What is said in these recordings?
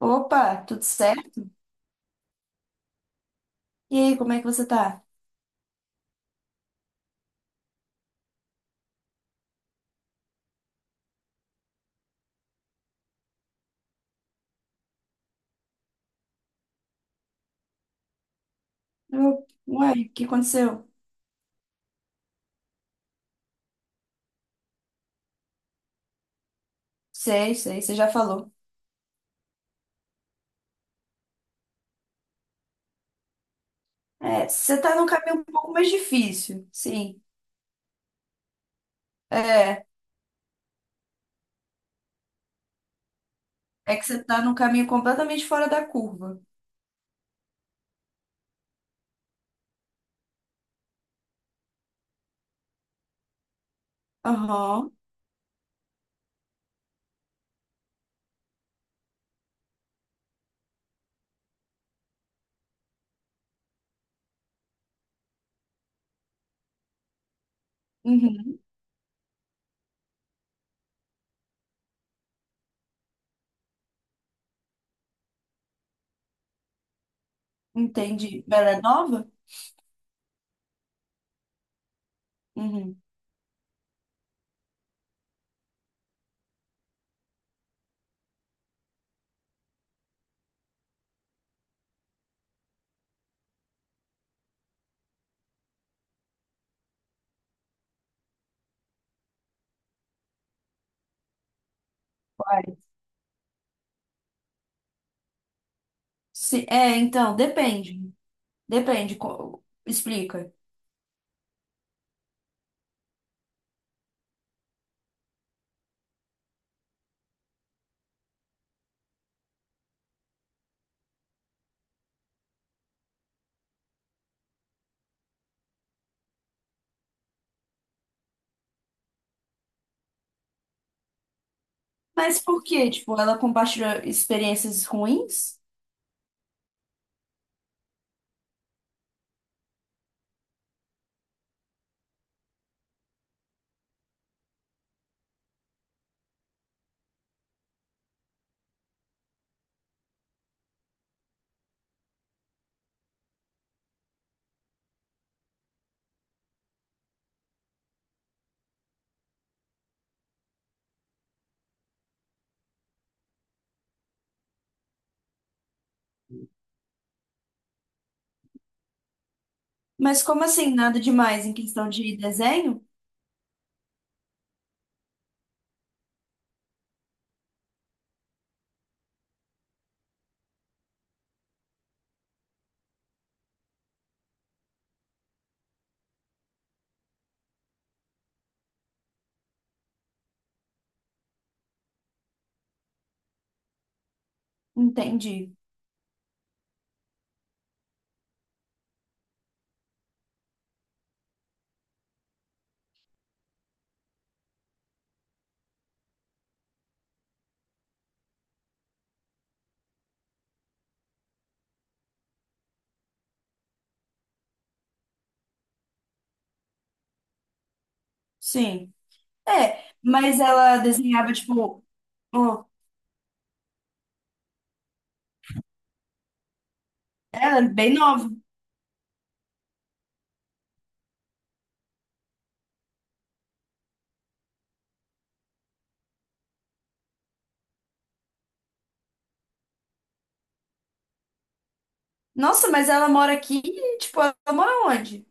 Opa, tudo certo? E aí, como é que você tá? Eu, uai, o que aconteceu? Sei, sei, você já falou. É, você tá num caminho um pouco mais difícil, sim. É, é que você tá num caminho completamente fora da curva. Aham, uhum, entendi. Mas ela é nova? Uhum, uai. Se, é, então, depende. Depende, explica. Mas por quê? Tipo, ela compartilha experiências ruins? Mas como assim, nada demais em questão de desenho? Entendi. Sim. É, mas ela desenhava, tipo, ó, ela é bem nova. Nossa, mas ela mora aqui, tipo, ela mora onde?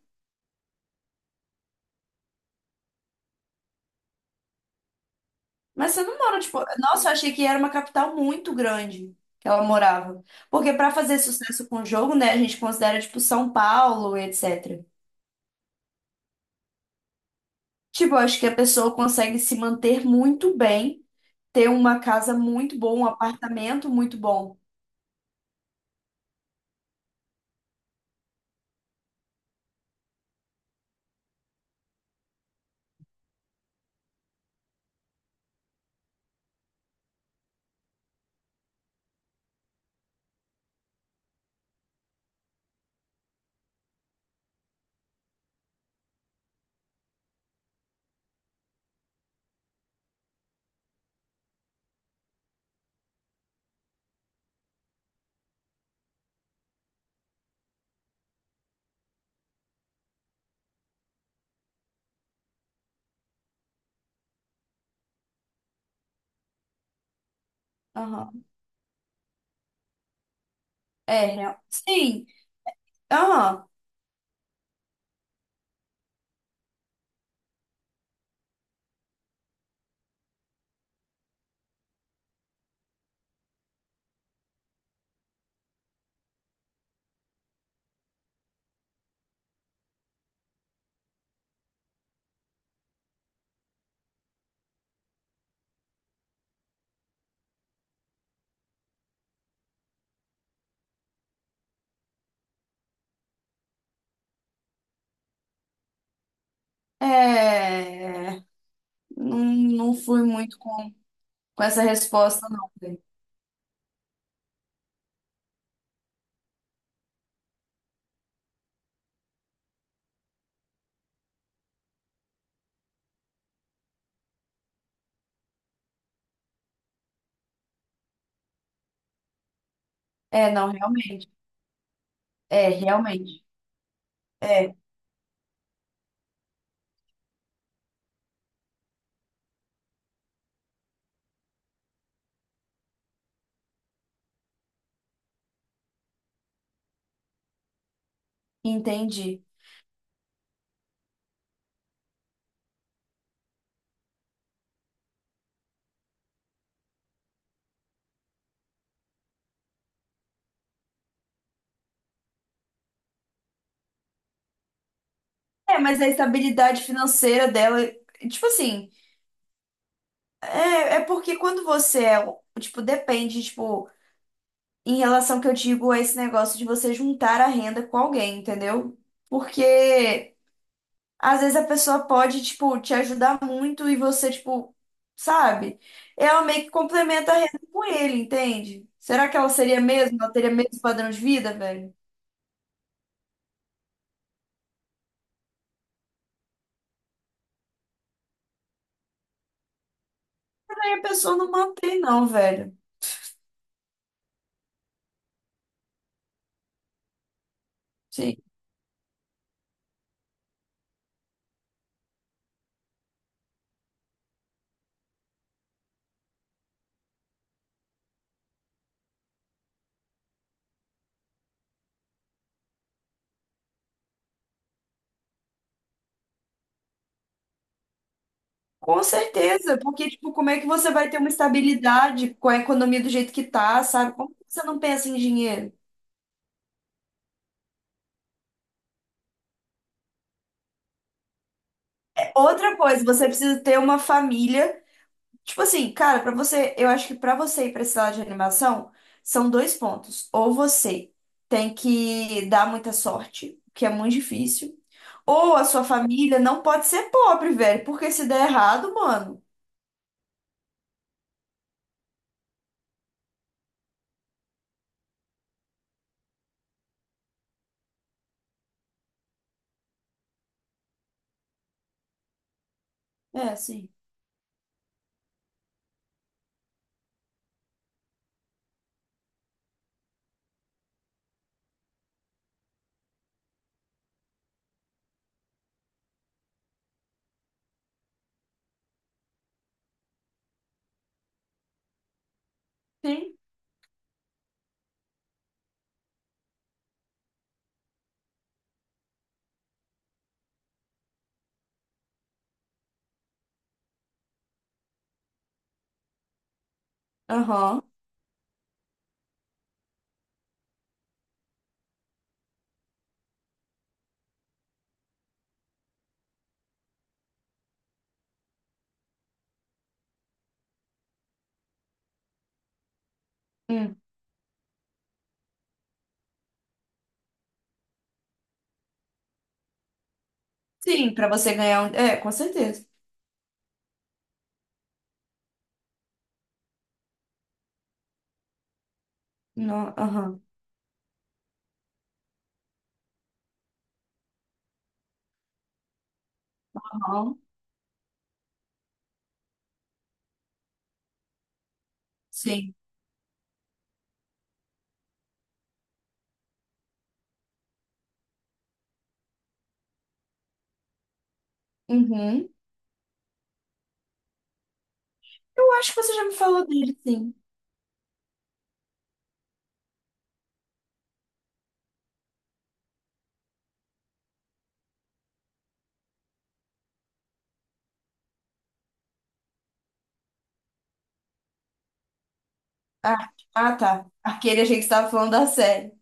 Mas você não mora, tipo, nossa, eu achei que era uma capital muito grande que ela morava. Porque pra fazer sucesso com o jogo, né, a gente considera, tipo, São Paulo, etc. Tipo, eu acho que a pessoa consegue se manter muito bem, ter uma casa muito boa, um apartamento muito bom. Aham. É, sim. Aham. É. é, é. Não, não fui muito com essa resposta, não. É, não, realmente. É, realmente. É, entendi. É, mas a estabilidade financeira dela, tipo assim, é, é porque quando você é, tipo, depende, tipo, em relação que eu digo a esse negócio de você juntar a renda com alguém, entendeu? Porque às vezes a pessoa pode, tipo, te ajudar muito e você, tipo, sabe? Ela meio que complementa a renda com ele, entende? Será que ela seria mesmo? Ela teria mesmo padrão de vida, velho? Aí a pessoa não mantém, não, velho. Sim. Com certeza, porque, tipo, como é que você vai ter uma estabilidade com a economia do jeito que tá, sabe? Como que você não pensa em dinheiro? É, outra coisa, você precisa ter uma família. Tipo assim, cara, pra você, eu acho que pra você ir pra esse lado de animação, são dois pontos. Ou você tem que dar muita sorte, que é muito difícil, ou a sua família não pode ser pobre, velho, porque se der errado, mano. É, sim. Sim. Aham. Hum. Sim, pra você ganhar um. É, com certeza. Não, aham. Aham. Sim. Uhum. Eu acho que você já me falou dele, sim. Ah, ah, tá. Aquele a gente estava falando da série.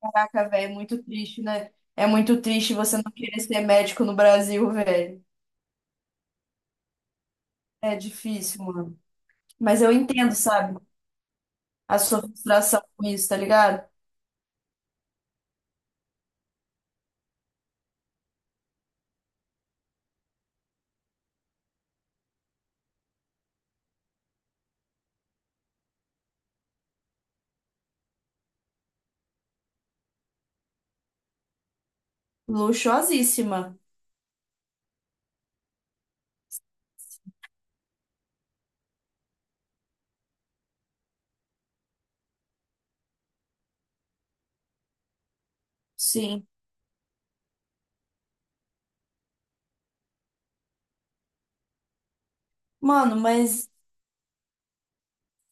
Caraca, velho, é muito triste, né? É muito triste você não querer ser médico no Brasil, velho. É difícil, mano. Mas eu entendo, sabe? A sua frustração com isso, tá ligado? Luxuosíssima. Sim. Mano, mas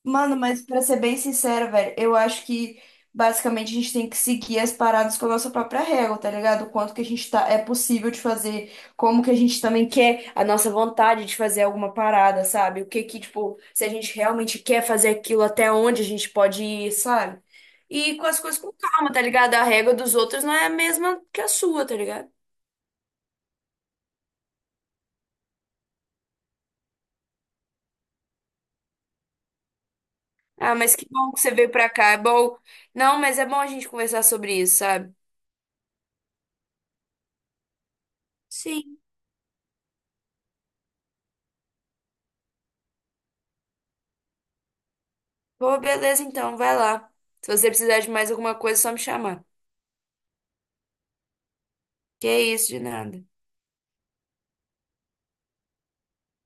Mano, mas pra ser bem sincero, velho, eu acho que basicamente a gente tem que seguir as paradas com a nossa própria régua, tá ligado? O quanto que a gente tá, é possível de fazer, como que a gente também quer a nossa vontade de fazer alguma parada, sabe? O que que, tipo, se a gente realmente quer fazer aquilo, até onde a gente pode ir, sabe? E com as coisas com calma, tá ligado? A régua dos outros não é a mesma que a sua, tá ligado? Ah, mas que bom que você veio pra cá, é bom. Não, mas é bom a gente conversar sobre isso, sabe? Sim. Pô, beleza, então, vai lá. Se você precisar de mais alguma coisa, é só me chamar. Que é isso, de nada.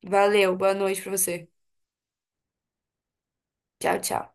Valeu, boa noite pra você. Tchau, tchau.